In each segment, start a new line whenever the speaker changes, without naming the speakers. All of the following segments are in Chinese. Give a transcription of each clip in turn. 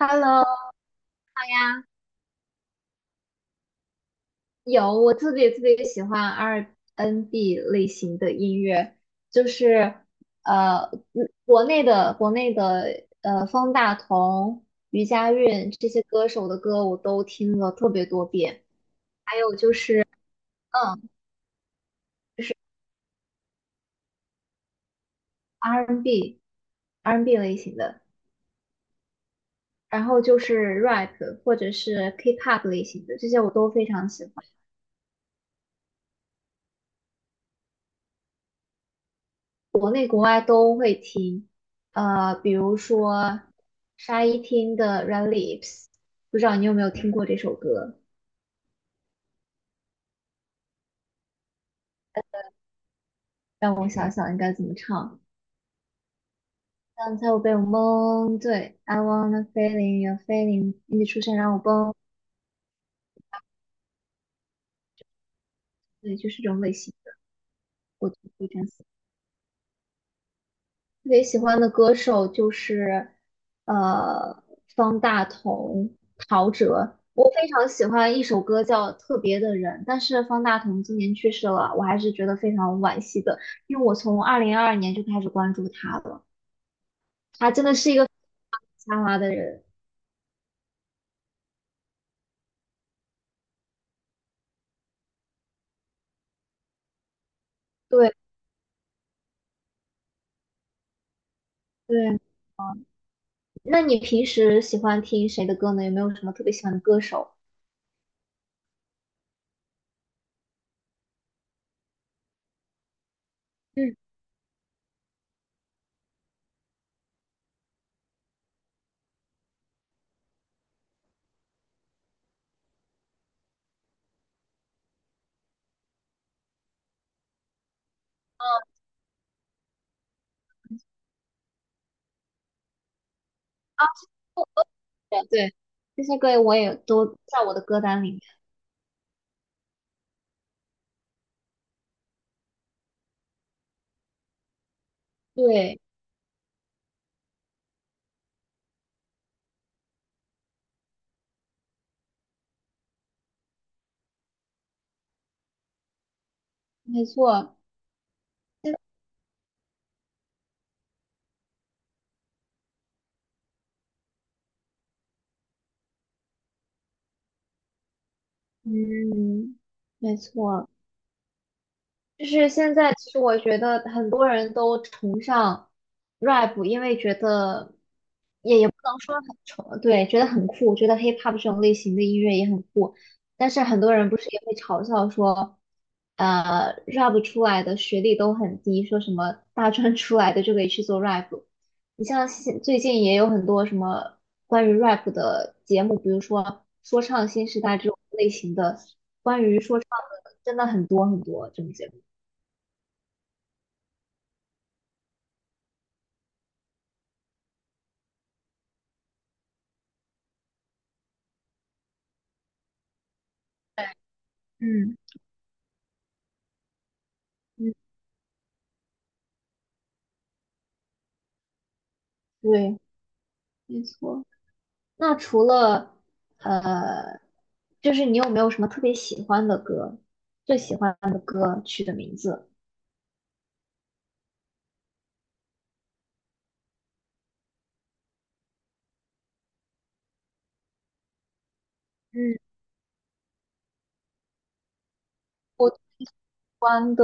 Hello 呀，有我特别特别喜欢 R&B n 类型的音乐，就是国内的方大同、余佳运这些歌手的歌我都听了特别多遍，还有就是嗯，就是 R&B n R&B n 类型的，然后就是 rap 或者是 K-pop 类型的，这些我都非常喜欢。国内国外都会听，比如说沙一汀的《Red Lips》，不知道你有没有听过这首歌？让我想想应该怎么唱。刚才我被我蒙，对，I wanna feeling your feeling，你的出现让我崩，对，就是这种类型的。我觉得这样。特别喜欢的歌手就是呃方大同、陶喆。我非常喜欢一首歌叫《特别的人》，但是方大同今年去世了，我还是觉得非常惋惜的，因为我从2022年就开始关注他了，他真的是一个才华的人。对对，那你平时喜欢听谁的歌呢？有没有什么特别喜欢的歌手？嗯啊，对对，这些歌我也都在我的歌单里面。对，没错。嗯，没错。就是现在，其实我觉得很多人都崇尚 rap，因为觉得也不能说很崇，对，觉得很酷，觉得 hip hop 这种类型的音乐也很酷。但是很多人不是也会嘲笑说，rap 出来的学历都很低，说什么大专出来的就可以去做 rap。你像现最近也有很多什么关于 rap 的节目，比如说说唱新时代这种类型的，关于说唱的真的很多很多这种节目。嗯嗯，对，没错。那除了呃，就是你有没有什么特别喜欢的歌？最喜欢的歌曲的名字？嗯，我喜欢的，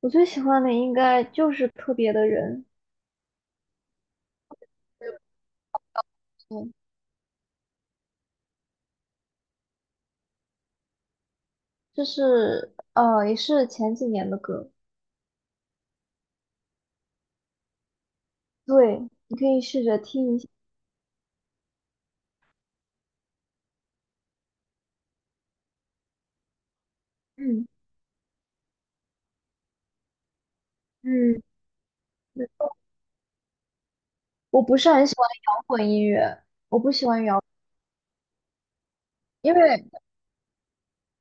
我最喜欢的应该就是《特别的人》，嗯，就是也是前几年的歌。对，你可以试着听一下。嗯，嗯，我不是很喜欢摇滚音乐，因为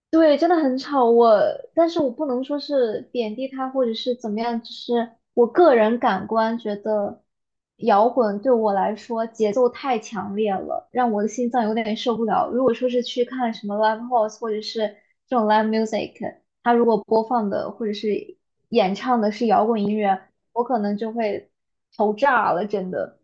对，真的很吵。但是我不能说是贬低他或者是怎么样，就是我个人感官觉得，摇滚对我来说节奏太强烈了，让我的心脏有点受不了。如果说是去看什么 live house 或者是这种 live music，他如果播放的或者是演唱的是摇滚音乐，我可能就会头炸了，真的。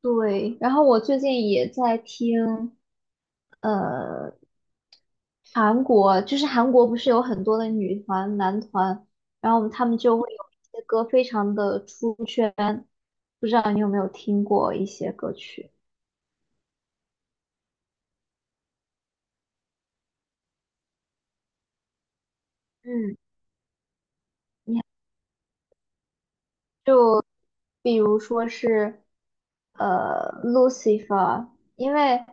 对，然后我最近也在听，呃，韩国不是有很多的女团、男团，然后他们就会有一些歌非常的出圈，不知道你有没有听过一些歌曲？嗯。你。就比如说是Lucifer，因为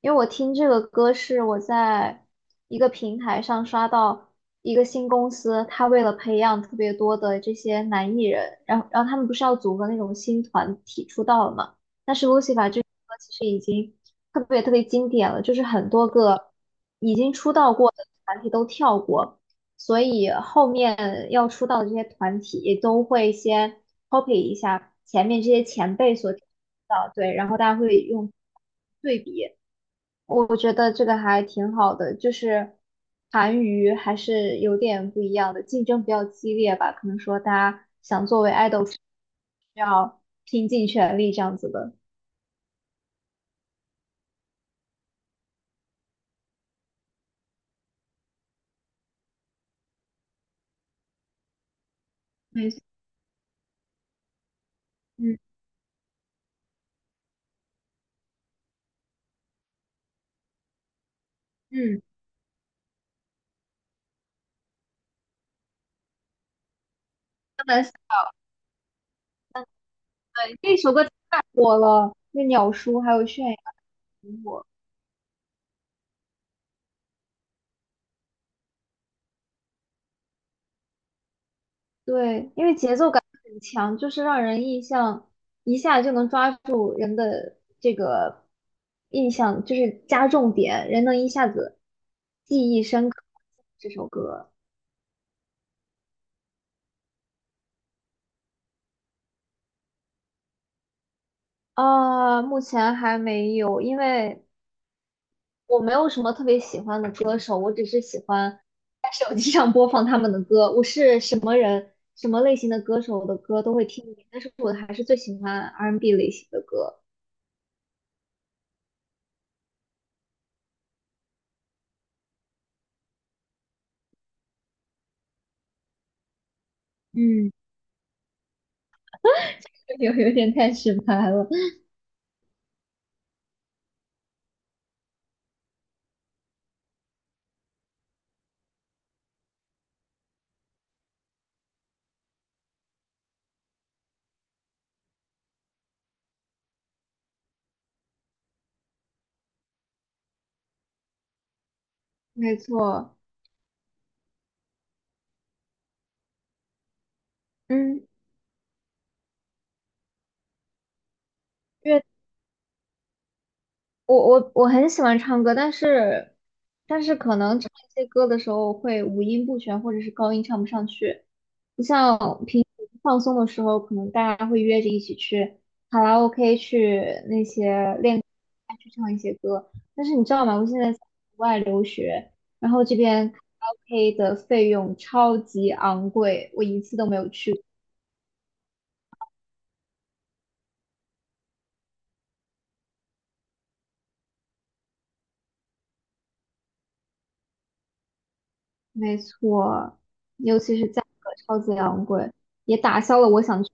因为我听这个歌是我在一个平台上刷到一个新公司，他为了培养特别多的这些男艺人，然后他们不是要组合那种新团体出道了嘛？但是 Lucifer 这首歌其实已经特别特别经典了，就是很多个已经出道过的团体都跳过。所以后面要出道的这些团体都会先 copy 一下前面这些前辈所提到，对，然后大家会用对比，我觉得这个还挺好的，就是韩娱还是有点不一样的，竞争比较激烈吧，可能说大家想作为 idol 需要拼尽全力这样子的，没错，嗯嗯，那么对，这首歌太火了，那鸟叔还有泫雅。对，因为节奏感很强，就是让人印象一下就能抓住人的这个印象，就是加重点，人能一下子记忆深刻这首歌。啊，目前还没有，因为我没有什么特别喜欢的歌手，我只是喜欢在手机上播放他们的歌。我是什么人，什么类型的歌手的歌都会听一点，但是我还是最喜欢 R&B n 类型的歌。嗯，有点太直白了。没错，嗯，因为我很喜欢唱歌，但是可能唱一些歌的时候会五音不全，或者是高音唱不上去。不像平时放松的时候，可能大家会约着一起去卡拉 OK 去那些练去唱一些歌。但是你知道吗？我现在在国外留学，然后这边卡拉 OK 的费用超级昂贵，我一次都没有去。没错，尤其是价格超级昂贵，也打消了我想去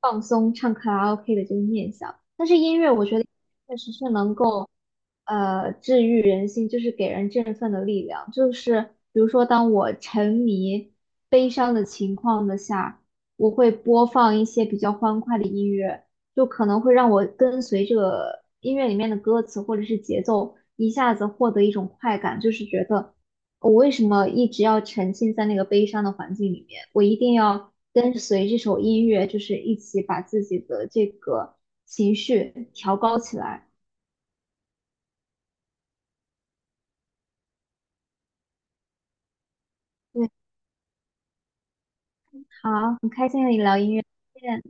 放松唱卡拉 OK 的这个念想。但是音乐，我觉得确实是能够治愈人心，就是给人振奋的力量。就是比如说，当我沉迷悲伤的情况的下，我会播放一些比较欢快的音乐，就可能会让我跟随着音乐里面的歌词或者是节奏，一下子获得一种快感，就是觉得。我为什么一直要沉浸在那个悲伤的环境里面？我一定要跟随这首音乐，就是一起把自己的这个情绪调高起来。对，好，很开心和你聊音乐，再见。